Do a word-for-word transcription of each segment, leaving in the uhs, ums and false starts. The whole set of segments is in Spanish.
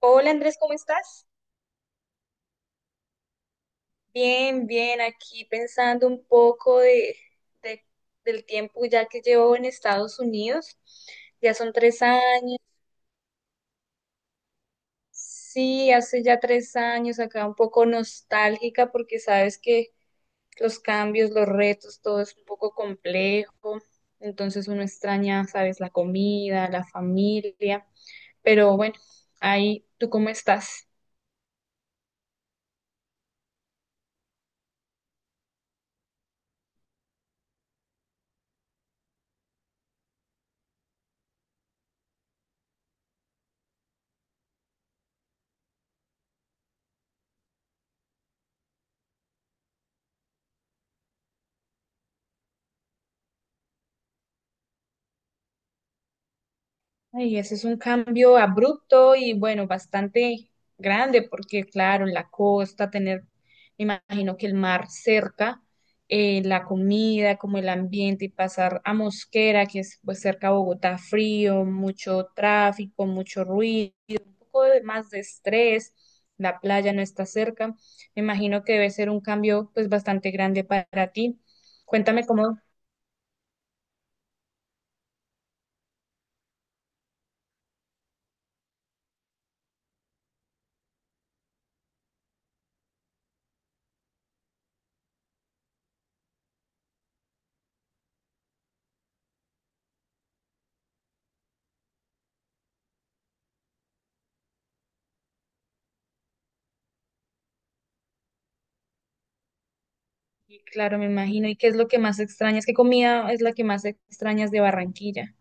Hola Andrés, ¿cómo estás? Bien, bien, aquí pensando un poco de, de- del tiempo ya que llevo en Estados Unidos. Ya son tres años. Sí, hace ya tres años, acá un poco nostálgica porque sabes que los cambios, los retos, todo es un poco complejo. Entonces uno extraña, sabes, la comida, la familia. Pero bueno, ahí, ¿tú cómo estás? Ay, ese es un cambio abrupto y bueno, bastante grande porque claro, en la costa tener, me imagino que el mar cerca, eh, la comida, como el ambiente, y pasar a Mosquera, que es pues cerca a Bogotá, frío, mucho tráfico, mucho ruido, un poco de, más de estrés, la playa no está cerca, me imagino que debe ser un cambio pues bastante grande para ti. Cuéntame cómo. Y claro, me imagino. ¿Y qué es lo que más extrañas? ¿Qué comida es la que más extrañas de Barranquilla?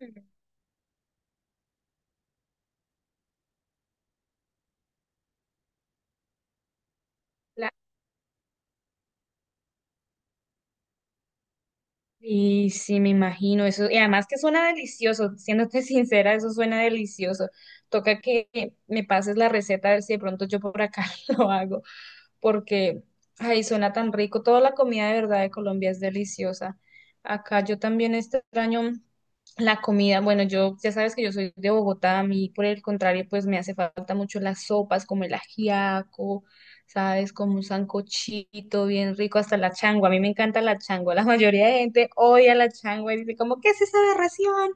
Ujú. Y sí, me imagino eso. Y además que suena delicioso, siéndote sincera, eso suena delicioso. Toca que me pases la receta a ver si de pronto yo por acá lo hago, porque, ay, suena tan rico. Toda la comida de verdad de Colombia es deliciosa. Acá yo también extraño la comida. Bueno, yo ya sabes que yo soy de Bogotá, a mí por el contrario, pues me hace falta mucho las sopas, como el ajiaco, ¿sabes? Como un sancochito bien rico, hasta la changua. A mí me encanta la changua. La mayoría de gente odia la changua y dice como, ¿qué es esa aberración?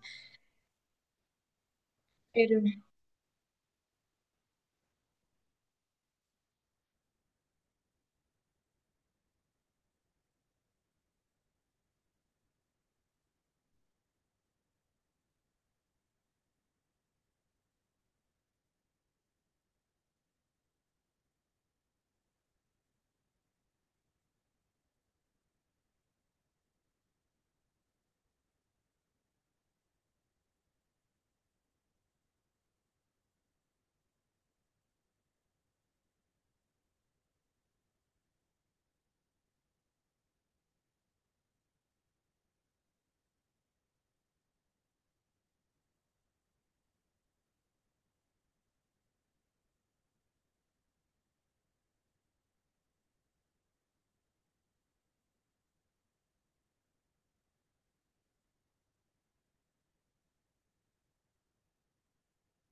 Pero,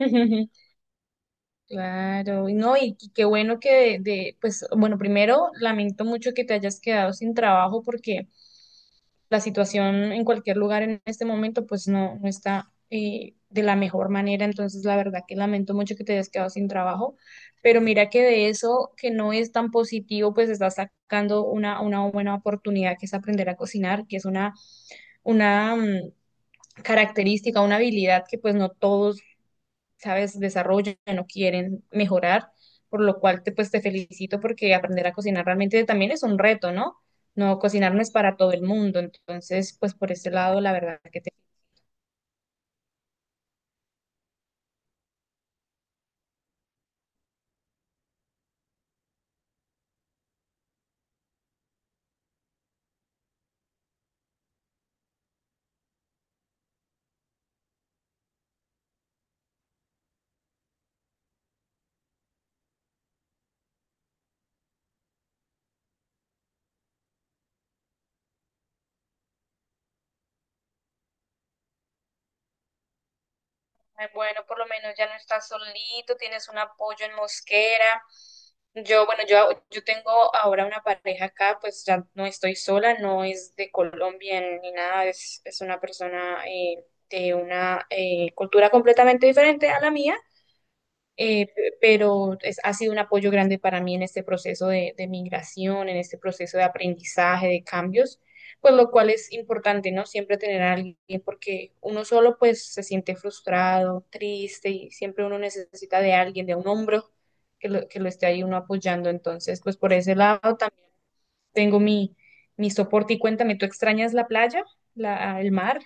claro, y no, y qu- qué bueno que de, de, pues, bueno, primero lamento mucho que te hayas quedado sin trabajo porque la situación en cualquier lugar en este momento pues no, no está eh, de la mejor manera, entonces la verdad que lamento mucho que te hayas quedado sin trabajo, pero mira que de eso que no es tan positivo pues estás sacando una, una buena oportunidad que es aprender a cocinar, que es una, una um, característica, una habilidad que pues no todos, ¿sabes? Desarrollan, no quieren mejorar, por lo cual te, pues, te felicito porque aprender a cocinar realmente también es un reto, ¿no? No, cocinar no es para todo el mundo, entonces, pues por ese lado, la verdad que te... Ay, bueno, por lo menos ya no estás solito, tienes un apoyo en Mosquera. Yo, bueno, yo, yo tengo ahora una pareja acá, pues ya no estoy sola, no es de Colombia ni nada, es, es una persona eh, de una eh, cultura completamente diferente a la mía, eh, p- pero es- ha sido un apoyo grande para mí en este proceso de, de migración, en este proceso de aprendizaje, de cambios, pues lo cual es importante, ¿no? Siempre tener a alguien, porque uno solo pues se siente frustrado, triste, y siempre uno necesita de alguien, de un hombro que lo, que lo esté ahí uno apoyando. Entonces, pues por ese lado también tengo mi, mi soporte. Y cuéntame, ¿tú extrañas la playa, la, el mar?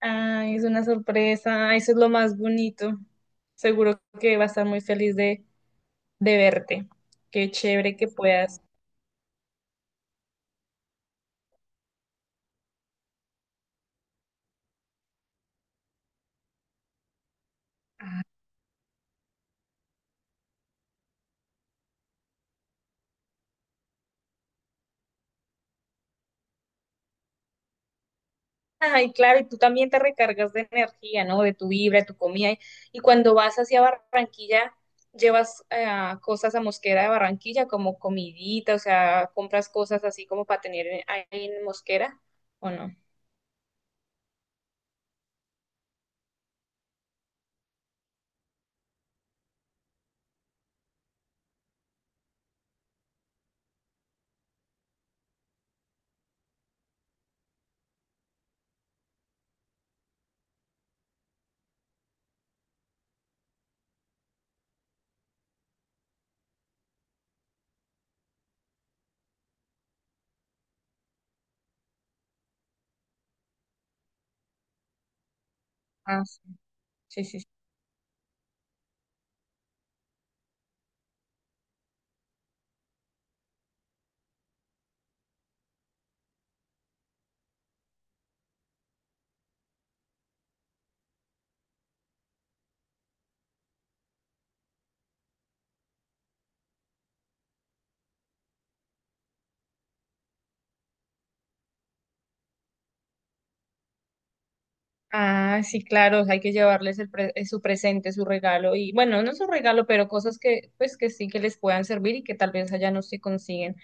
Ay, es una sorpresa. Eso es lo más bonito. Seguro que va a estar muy feliz de, de verte. Qué chévere que puedas. Ay, claro, y tú también te recargas de energía, ¿no? De tu vibra, de tu comida. Y, y cuando vas hacia Barranquilla, llevas eh, cosas a Mosquera de Barranquilla, como comidita, o sea, compras cosas así como para tener ahí en Mosquera, ¿o no? Ah, sí, sí, sí. Ah, sí, claro, hay que llevarles el pre- eh, su presente, su regalo y bueno, no su regalo, pero cosas que pues que sí que les puedan servir y que tal vez allá no se consiguen.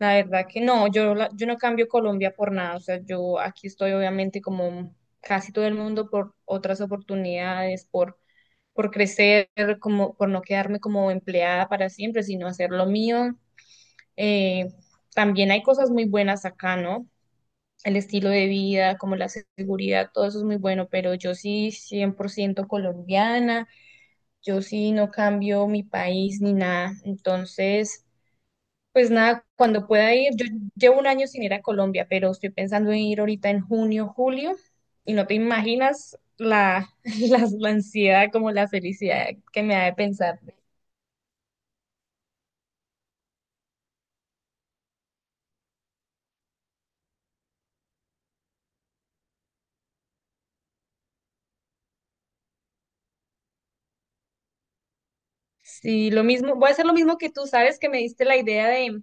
La verdad que no, yo la- yo no cambio Colombia por nada, o sea, yo aquí estoy obviamente como casi todo el mundo por otras oportunidades, por por crecer, como por no quedarme como empleada para siempre, sino hacer lo mío. Eh, También hay cosas muy buenas acá, ¿no? El estilo de vida, como la seguridad, todo eso es muy bueno, pero yo sí cien por ciento colombiana, yo sí no cambio mi país ni nada, entonces, pues nada, cuando pueda ir, yo llevo un año sin ir a Colombia, pero estoy pensando en ir ahorita en junio, julio, y no te imaginas la, la, la ansiedad, como la felicidad que me da de pensar. Sí, lo mismo, voy a hacer lo mismo que tú, sabes que me diste la idea de,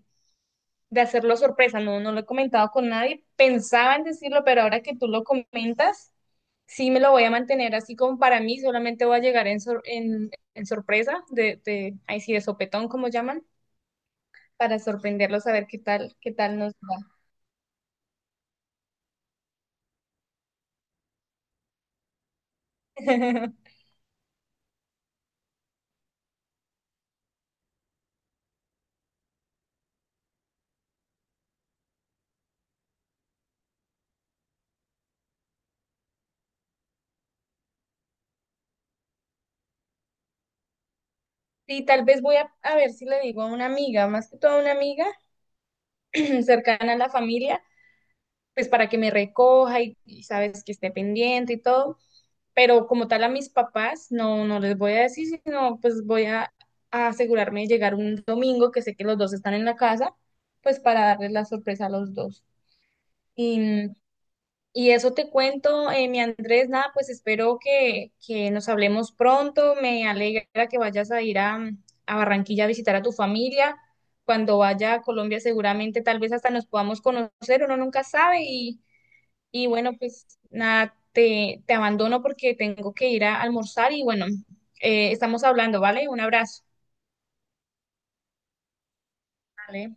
de hacerlo sorpresa, no, no lo he comentado con nadie, pensaba en decirlo, pero ahora que tú lo comentas, sí me lo voy a mantener así como para mí, solamente voy a llegar en, sor- en, en sorpresa, de, de, ahí sí, de sopetón, como llaman, para sorprenderlos a ver qué tal, qué tal nos va. Sí, tal vez voy a, a ver si le digo a una amiga, más que todo a una amiga cercana a la familia, pues para que me recoja y, y, sabes que esté pendiente y todo, pero como tal a mis papás no, no les voy a decir, sino pues voy a, a asegurarme de llegar un domingo, que sé que los dos están en la casa, pues para darles la sorpresa a los dos. Y, y eso te cuento, eh, mi Andrés, nada, pues espero que, que nos hablemos pronto, me alegra que vayas a ir a, a Barranquilla a visitar a tu familia. Cuando vaya a Colombia, seguramente tal vez hasta nos podamos conocer, uno nunca sabe y, y bueno, pues nada, te, te abandono porque tengo que ir a almorzar y bueno, eh, estamos hablando, ¿vale? Un abrazo. Vale.